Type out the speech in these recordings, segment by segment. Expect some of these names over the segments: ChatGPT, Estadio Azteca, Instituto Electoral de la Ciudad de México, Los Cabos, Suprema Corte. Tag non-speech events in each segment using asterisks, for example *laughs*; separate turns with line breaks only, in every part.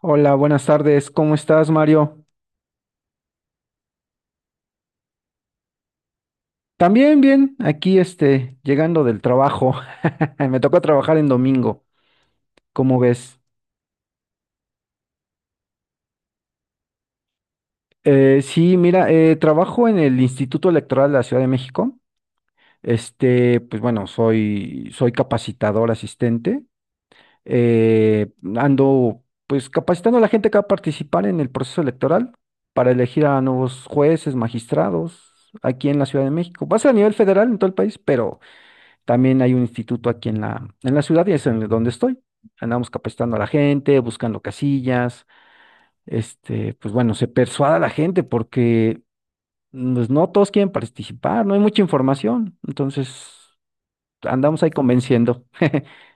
Hola, buenas tardes. ¿Cómo estás, Mario? También bien, aquí este, llegando del trabajo. *laughs* Me tocó trabajar en domingo, ¿cómo ves? Sí, mira, trabajo en el Instituto Electoral de la Ciudad de México. Este, pues bueno, soy capacitador asistente. Ando pues capacitando a la gente que va a participar en el proceso electoral para elegir a nuevos jueces, magistrados, aquí en la Ciudad de México. Va a ser a nivel federal en todo el país, pero también hay un instituto aquí en la ciudad y es en donde estoy. Andamos capacitando a la gente, buscando casillas, este, pues bueno, se persuada a la gente porque pues, no todos quieren participar, no hay mucha información. Entonces, andamos ahí convenciendo. *laughs*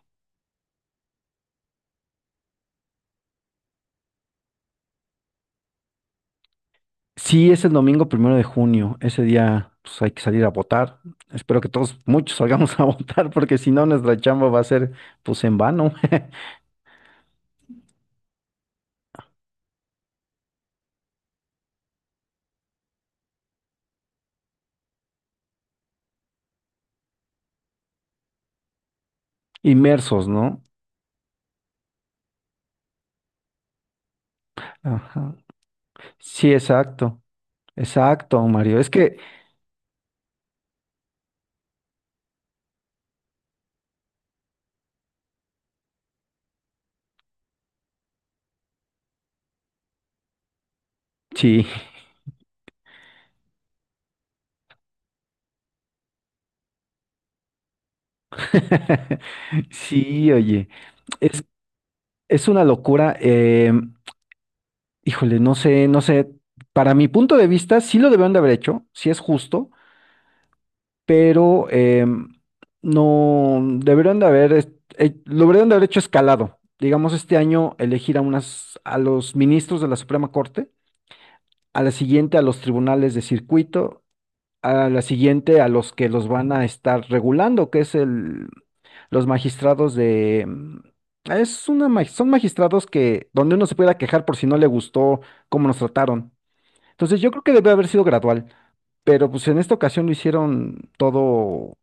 Sí, es el domingo 1 de junio. Ese día pues, hay que salir a votar. Espero que todos, muchos salgamos *laughs* a votar, porque si no, nuestra chamba va a ser pues en vano, *laughs* inmersos, ¿no? Ajá. Sí, exacto, exacto, Mario. Es que sí, *laughs* sí, oye, es, es una locura. Híjole, no sé, no sé, para mi punto de vista sí lo debieron de haber hecho, sí es justo, pero no, deberían de haber, lo deberían de haber hecho escalado. Digamos, este año elegir a unas, a los ministros de la Suprema Corte, a la siguiente a los tribunales de circuito, a la siguiente a los que los van a estar regulando, que es el, los magistrados de, son magistrados que, donde uno se pueda quejar por si no le gustó cómo nos trataron. Entonces yo creo que debe haber sido gradual, pero pues en esta ocasión lo hicieron todo,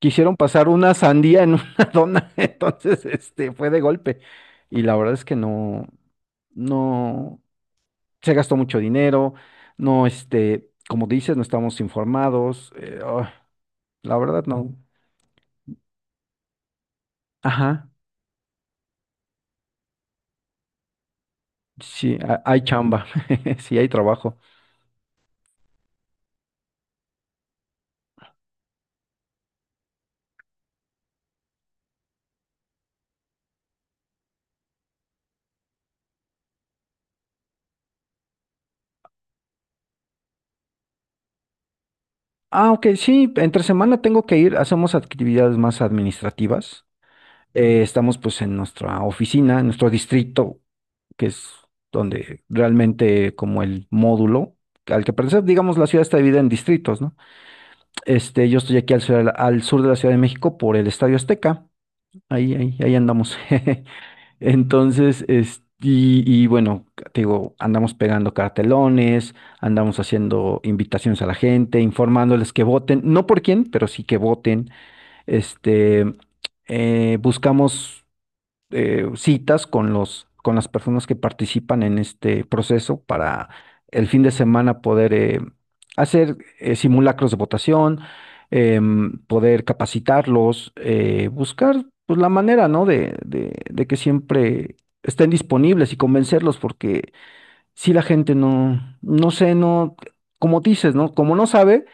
quisieron pasar una sandía en *laughs* una dona, entonces este fue de golpe. Y la verdad es que no, no, se gastó mucho dinero, no, este, como dices, no estamos informados. Ah. La verdad no. Ajá, sí, hay chamba, *laughs* sí hay trabajo. Ah, ok, sí, entre semana tengo que ir, hacemos actividades más administrativas. Estamos pues en nuestra oficina, en nuestro distrito, que es donde realmente como el módulo al que pertenece, digamos, la ciudad está dividida en distritos, ¿no? Este, yo estoy aquí al sur de la Ciudad de México por el Estadio Azteca. Ahí, ahí, ahí andamos. *laughs* Entonces, es, y bueno, te digo, andamos pegando cartelones, andamos haciendo invitaciones a la gente, informándoles que voten, no por quién, pero sí que voten. Este, buscamos citas con los, con las personas que participan en este proceso para el fin de semana poder hacer simulacros de votación, poder capacitarlos, buscar pues, la manera, ¿no?, de que siempre estén disponibles y convencerlos, porque si la gente no, no sé, no, como dices, ¿no? Como no sabe.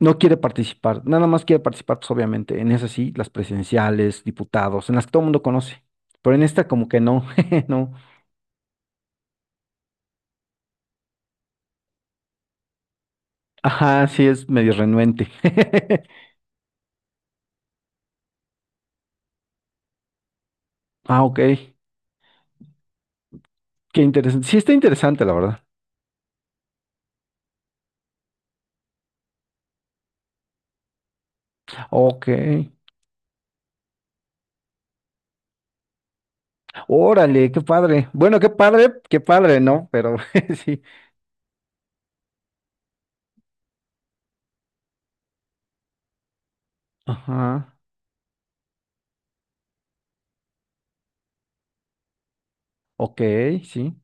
No quiere participar, nada más quiere participar, pues obviamente, en esas sí, las presidenciales, diputados, en las que todo el mundo conoce. Pero en esta como que no, *laughs* no. Ajá, sí es medio renuente. *laughs* Ah, ok. Qué interesante. Sí está interesante, la verdad. Ok. Órale, qué padre. Bueno, qué padre, ¿no? Pero *laughs* sí. Ajá. Ok, sí.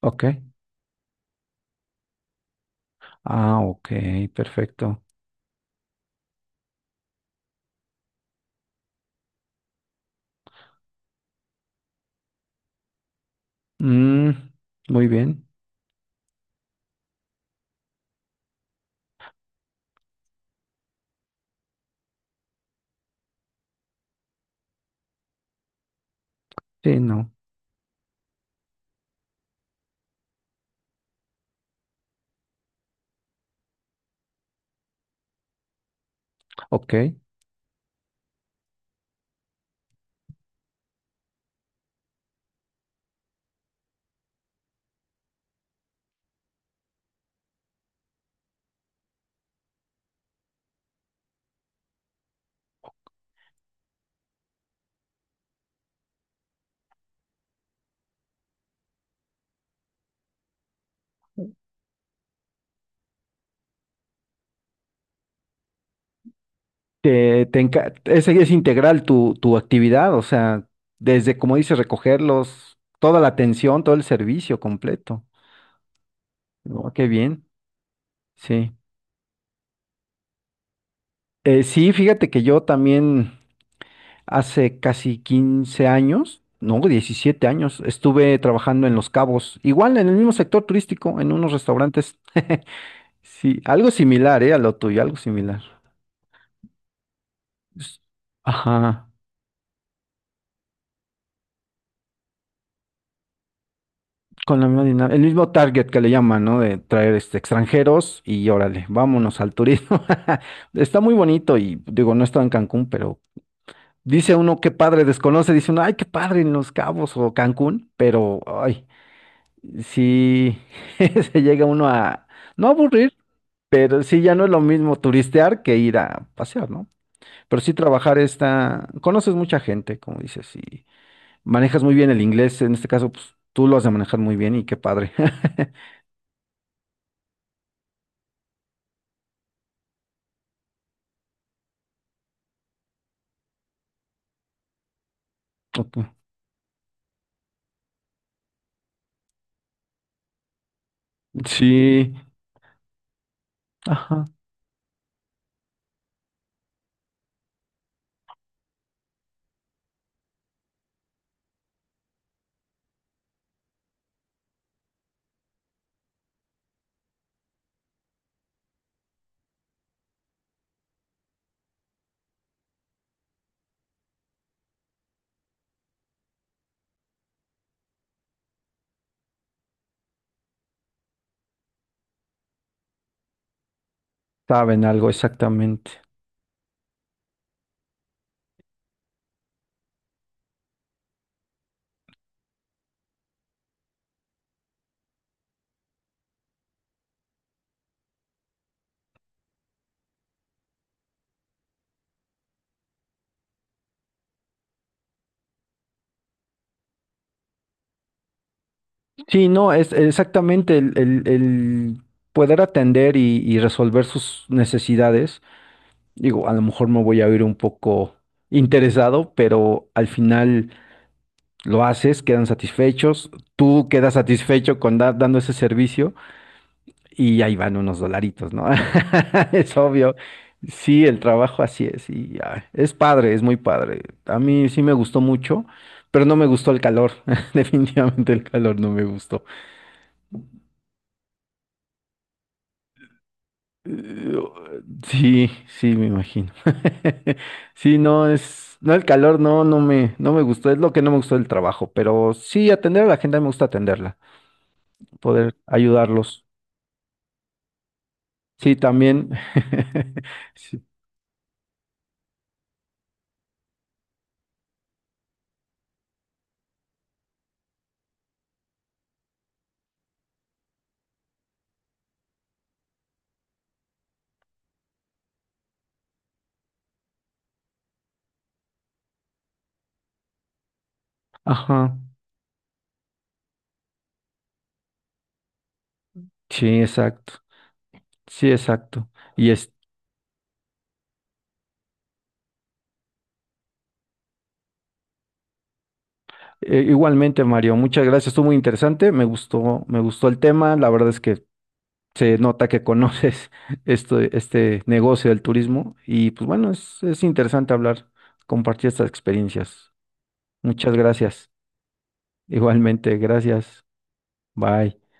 Ok. Ah, ok, perfecto. Mm, muy bien. Sí, no. Ok. Te es integral tu actividad, o sea, desde, como dices, recogerlos, toda la atención, todo el servicio completo. Oh, qué bien, sí. Sí, fíjate que yo también hace casi 15 años, no, 17 años, estuve trabajando en Los Cabos, igual en el mismo sector turístico, en unos restaurantes. *laughs* Sí, algo similar, a lo tuyo, algo similar. Es- Ajá. Con la misma dinámica, el mismo target que le llaman, ¿no? De traer este, extranjeros y órale, vámonos al turismo. *laughs* Está muy bonito y digo, no he estado en Cancún, pero dice uno qué padre desconoce, dice uno, ay, qué padre en Los Cabos o Cancún, pero ay, sí *laughs* se llega uno a no aburrir, pero sí ya no es lo mismo turistear que ir a pasear, ¿no? Pero sí trabajar está, conoces mucha gente, como dices, y manejas muy bien el inglés, en este caso, pues tú lo has de manejar muy bien y qué padre. *laughs* Ok. Sí, ajá, saben algo, exactamente. Sí, no, es exactamente el, el poder atender y resolver sus necesidades. Digo, a lo mejor me voy a oír un poco interesado, pero al final lo haces, quedan satisfechos, tú quedas satisfecho con dando ese servicio. Y ahí van unos dolaritos, ¿no? *laughs* Es obvio. Sí, el trabajo así es y ah, es padre, es muy padre. A mí sí me gustó mucho, pero no me gustó el calor. *laughs* Definitivamente el calor no me gustó. Eh, Sí, sí, me imagino. *laughs* Sí, no es, no el calor, no, no me, no me gustó. Es lo que no me gustó del trabajo, pero sí atender a la gente me gusta atenderla, poder ayudarlos. Sí, también. *laughs* Sí, ajá. Sí, exacto. Sí, exacto. Y es igualmente, Mario, muchas gracias. Estuvo muy interesante. Me gustó el tema. La verdad es que se nota que conoces *laughs* esto, este negocio del turismo. Y pues bueno, es interesante hablar, compartir estas experiencias. Muchas gracias. Igualmente, gracias. Bye.